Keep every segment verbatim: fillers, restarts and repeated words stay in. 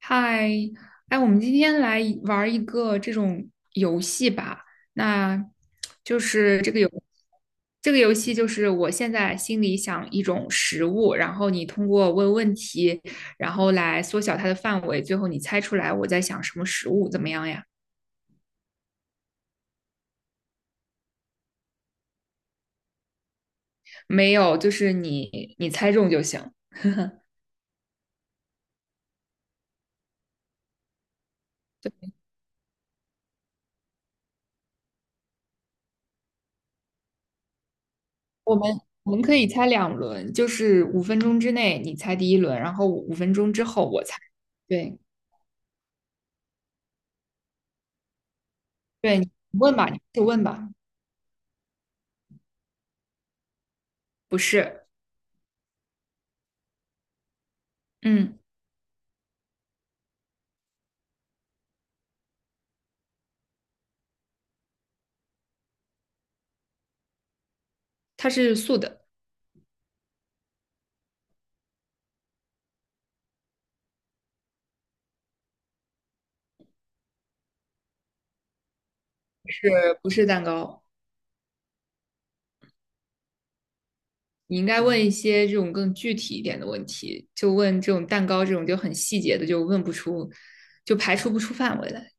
嗨，哎，我们今天来一玩儿一个这种游戏吧。那就是这个游这个游戏就是我现在心里想一种食物，然后你通过问问题，然后来缩小它的范围，最后你猜出来我在想什么食物，怎么样呀？没有，就是你你猜中就行。对，我们我们可以猜两轮，就是五分钟之内你猜第一轮，然后五分钟之后我猜。对对，你问吧，你就问吧。不是，嗯，它是素的，呃，不是蛋糕。你应该问一些这种更具体一点的问题，就问这种蛋糕这种就很细节的，就问不出，就排除不出范围来。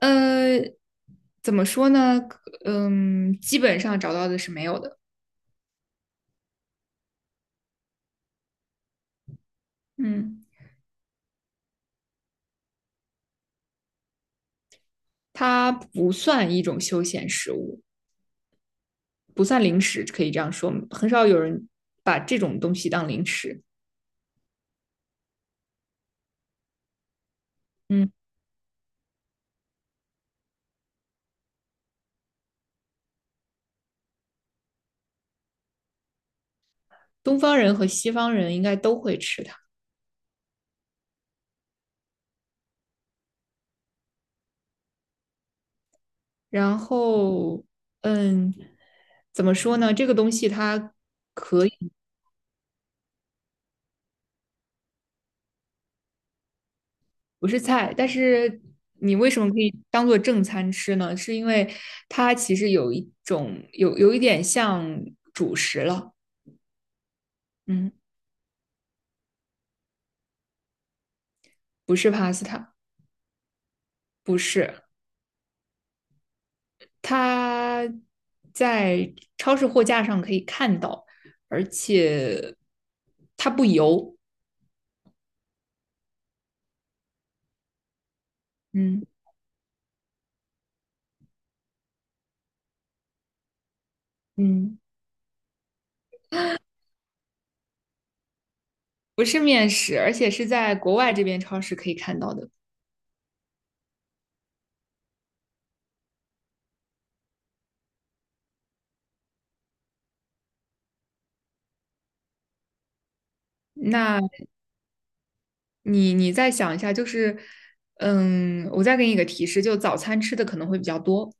呃，怎么说呢？嗯，基本上找到的是没有的。嗯，它不算一种休闲食物，不算零食，可以这样说，很少有人把这种东西当零食。嗯，东方人和西方人应该都会吃它。然后，嗯，怎么说呢？这个东西它可以不是菜，但是你为什么可以当做正餐吃呢？是因为它其实有一种有有一点像主食了。嗯，不是 pasta,不是，它在超市货架上可以看到，而且它不油。嗯嗯，不是面食，而且是在国外这边超市可以看到的。那你你再想一下，就是，嗯，我再给你一个提示，就早餐吃的可能会比较多，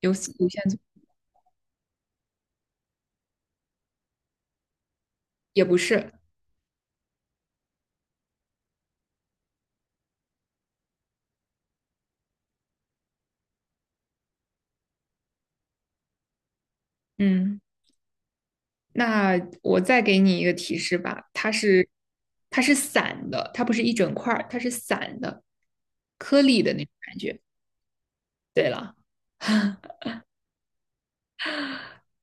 有有限组，也不是。嗯，那我再给你一个提示吧，它是它是散的，它不是一整块儿，它是散的，颗粒的那种感觉。对了，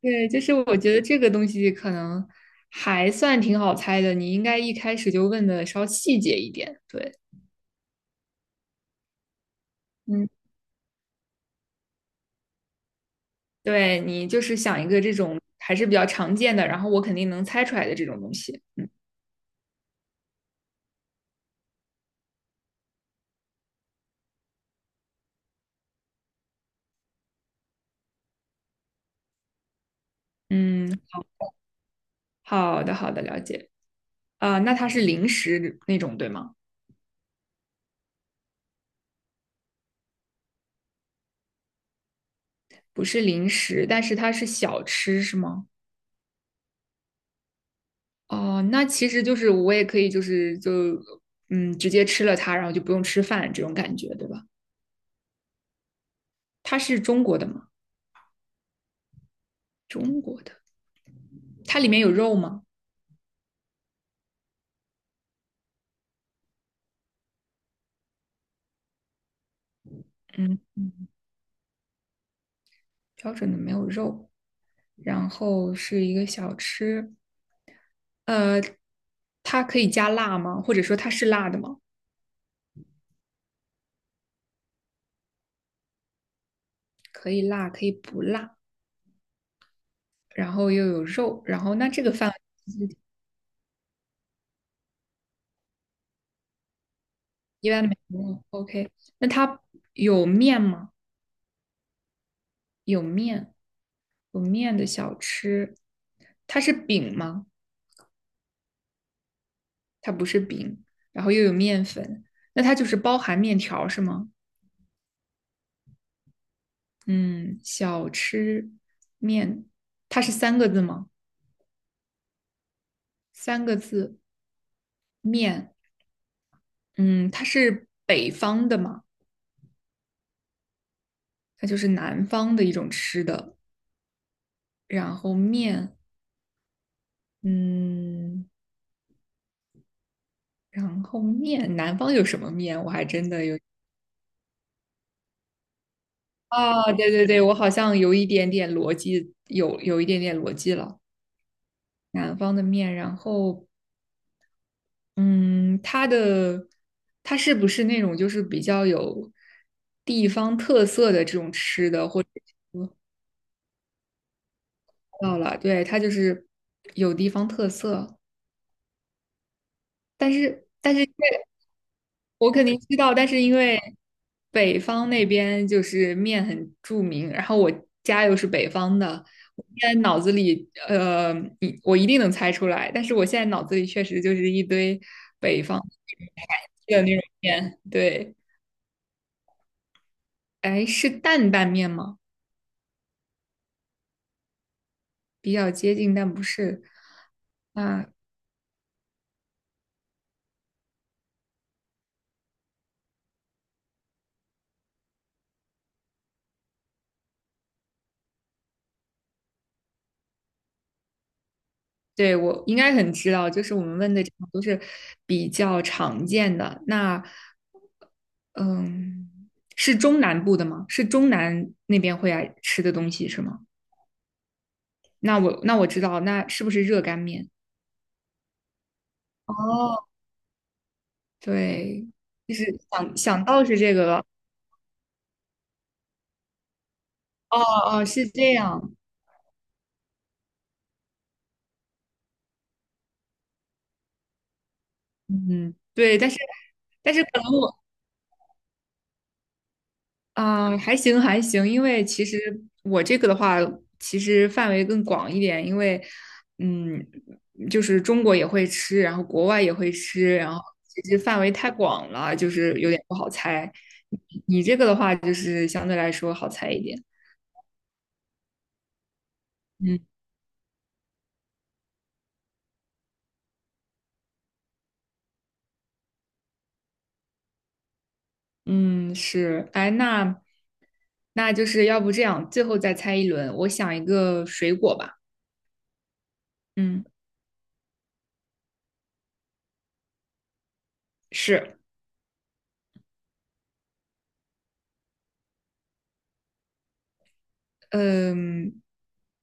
对，就是我觉得这个东西可能还算挺好猜的，你应该一开始就问的稍细节一点，对。嗯，对你就是想一个这种还是比较常见的，然后我肯定能猜出来的这种东西。嗯嗯，好的好的，了解。啊、那它是零食那种对吗？不是零食，但是它是小吃是吗？哦，那其实就是我也可以就是就嗯直接吃了它，然后就不用吃饭这种感觉对吧？它是中国的吗？中国，它里面有肉吗？嗯，标准的没有肉，然后是一个小吃。呃，它可以加辣吗？或者说它是辣的吗？可以辣，可以不辣，然后又有肉，然后那这个饭一般没有。OK,那它有面吗？有面，有面的小吃，它是饼吗？它不是饼，然后又有面粉，那它就是包含面条是吗？嗯，小吃面，它是三个字吗？三个字面，嗯，它是北方的吗？它就是南方的一种吃的。然后面，嗯，然后面，南方有什么面？我还真的有啊，对对对，我好像有一点点逻辑，有有一点点逻辑了。南方的面，然后，嗯，它的它是不是那种就是比较有地方特色的这种吃的，或者到了，对，它就是有地方特色。但是但是因为我肯定知道，但是因为北方那边就是面很著名，然后我家又是北方的，我现在脑子里呃，一我一定能猜出来，但是我现在脑子里确实就是一堆北方的那种面，对，哎，是担担面吗？比较接近，但不是，啊，对，我应该很知道，就是我们问的这种都是比较常见的。那，嗯，是中南部的吗？是中南那边会爱吃的东西是吗？那我那我知道，那是不是热干面？哦，对，就是想想到是这个了。哦哦，是这样。嗯，对，但是但是可能我。啊，还行还行，因为其实我这个的话，其实范围更广一点，因为嗯，就是中国也会吃，然后国外也会吃，然后其实范围太广了，就是有点不好猜。你你这个的话，就是相对来说好猜一点。嗯嗯，是，哎，那那就是要不这样，最后再猜一轮，我想一个水果吧。嗯，是。嗯，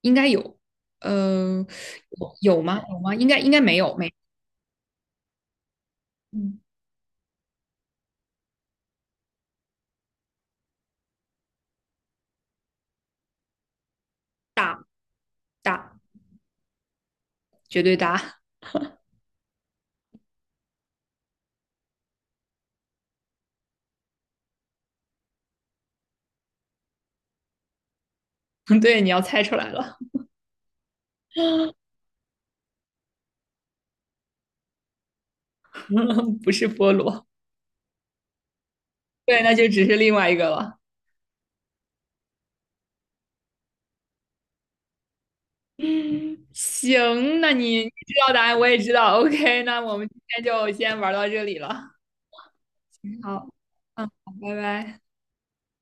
应该有，嗯，有有吗？有吗？应该应该没有，没，嗯，大，绝对大。对，你要猜出来了，不是菠萝。对，那就只是另外一个了。嗯，行，那你你知道答案，我也知道。OK,那我们今天就先玩到这里了。好，嗯，好拜拜。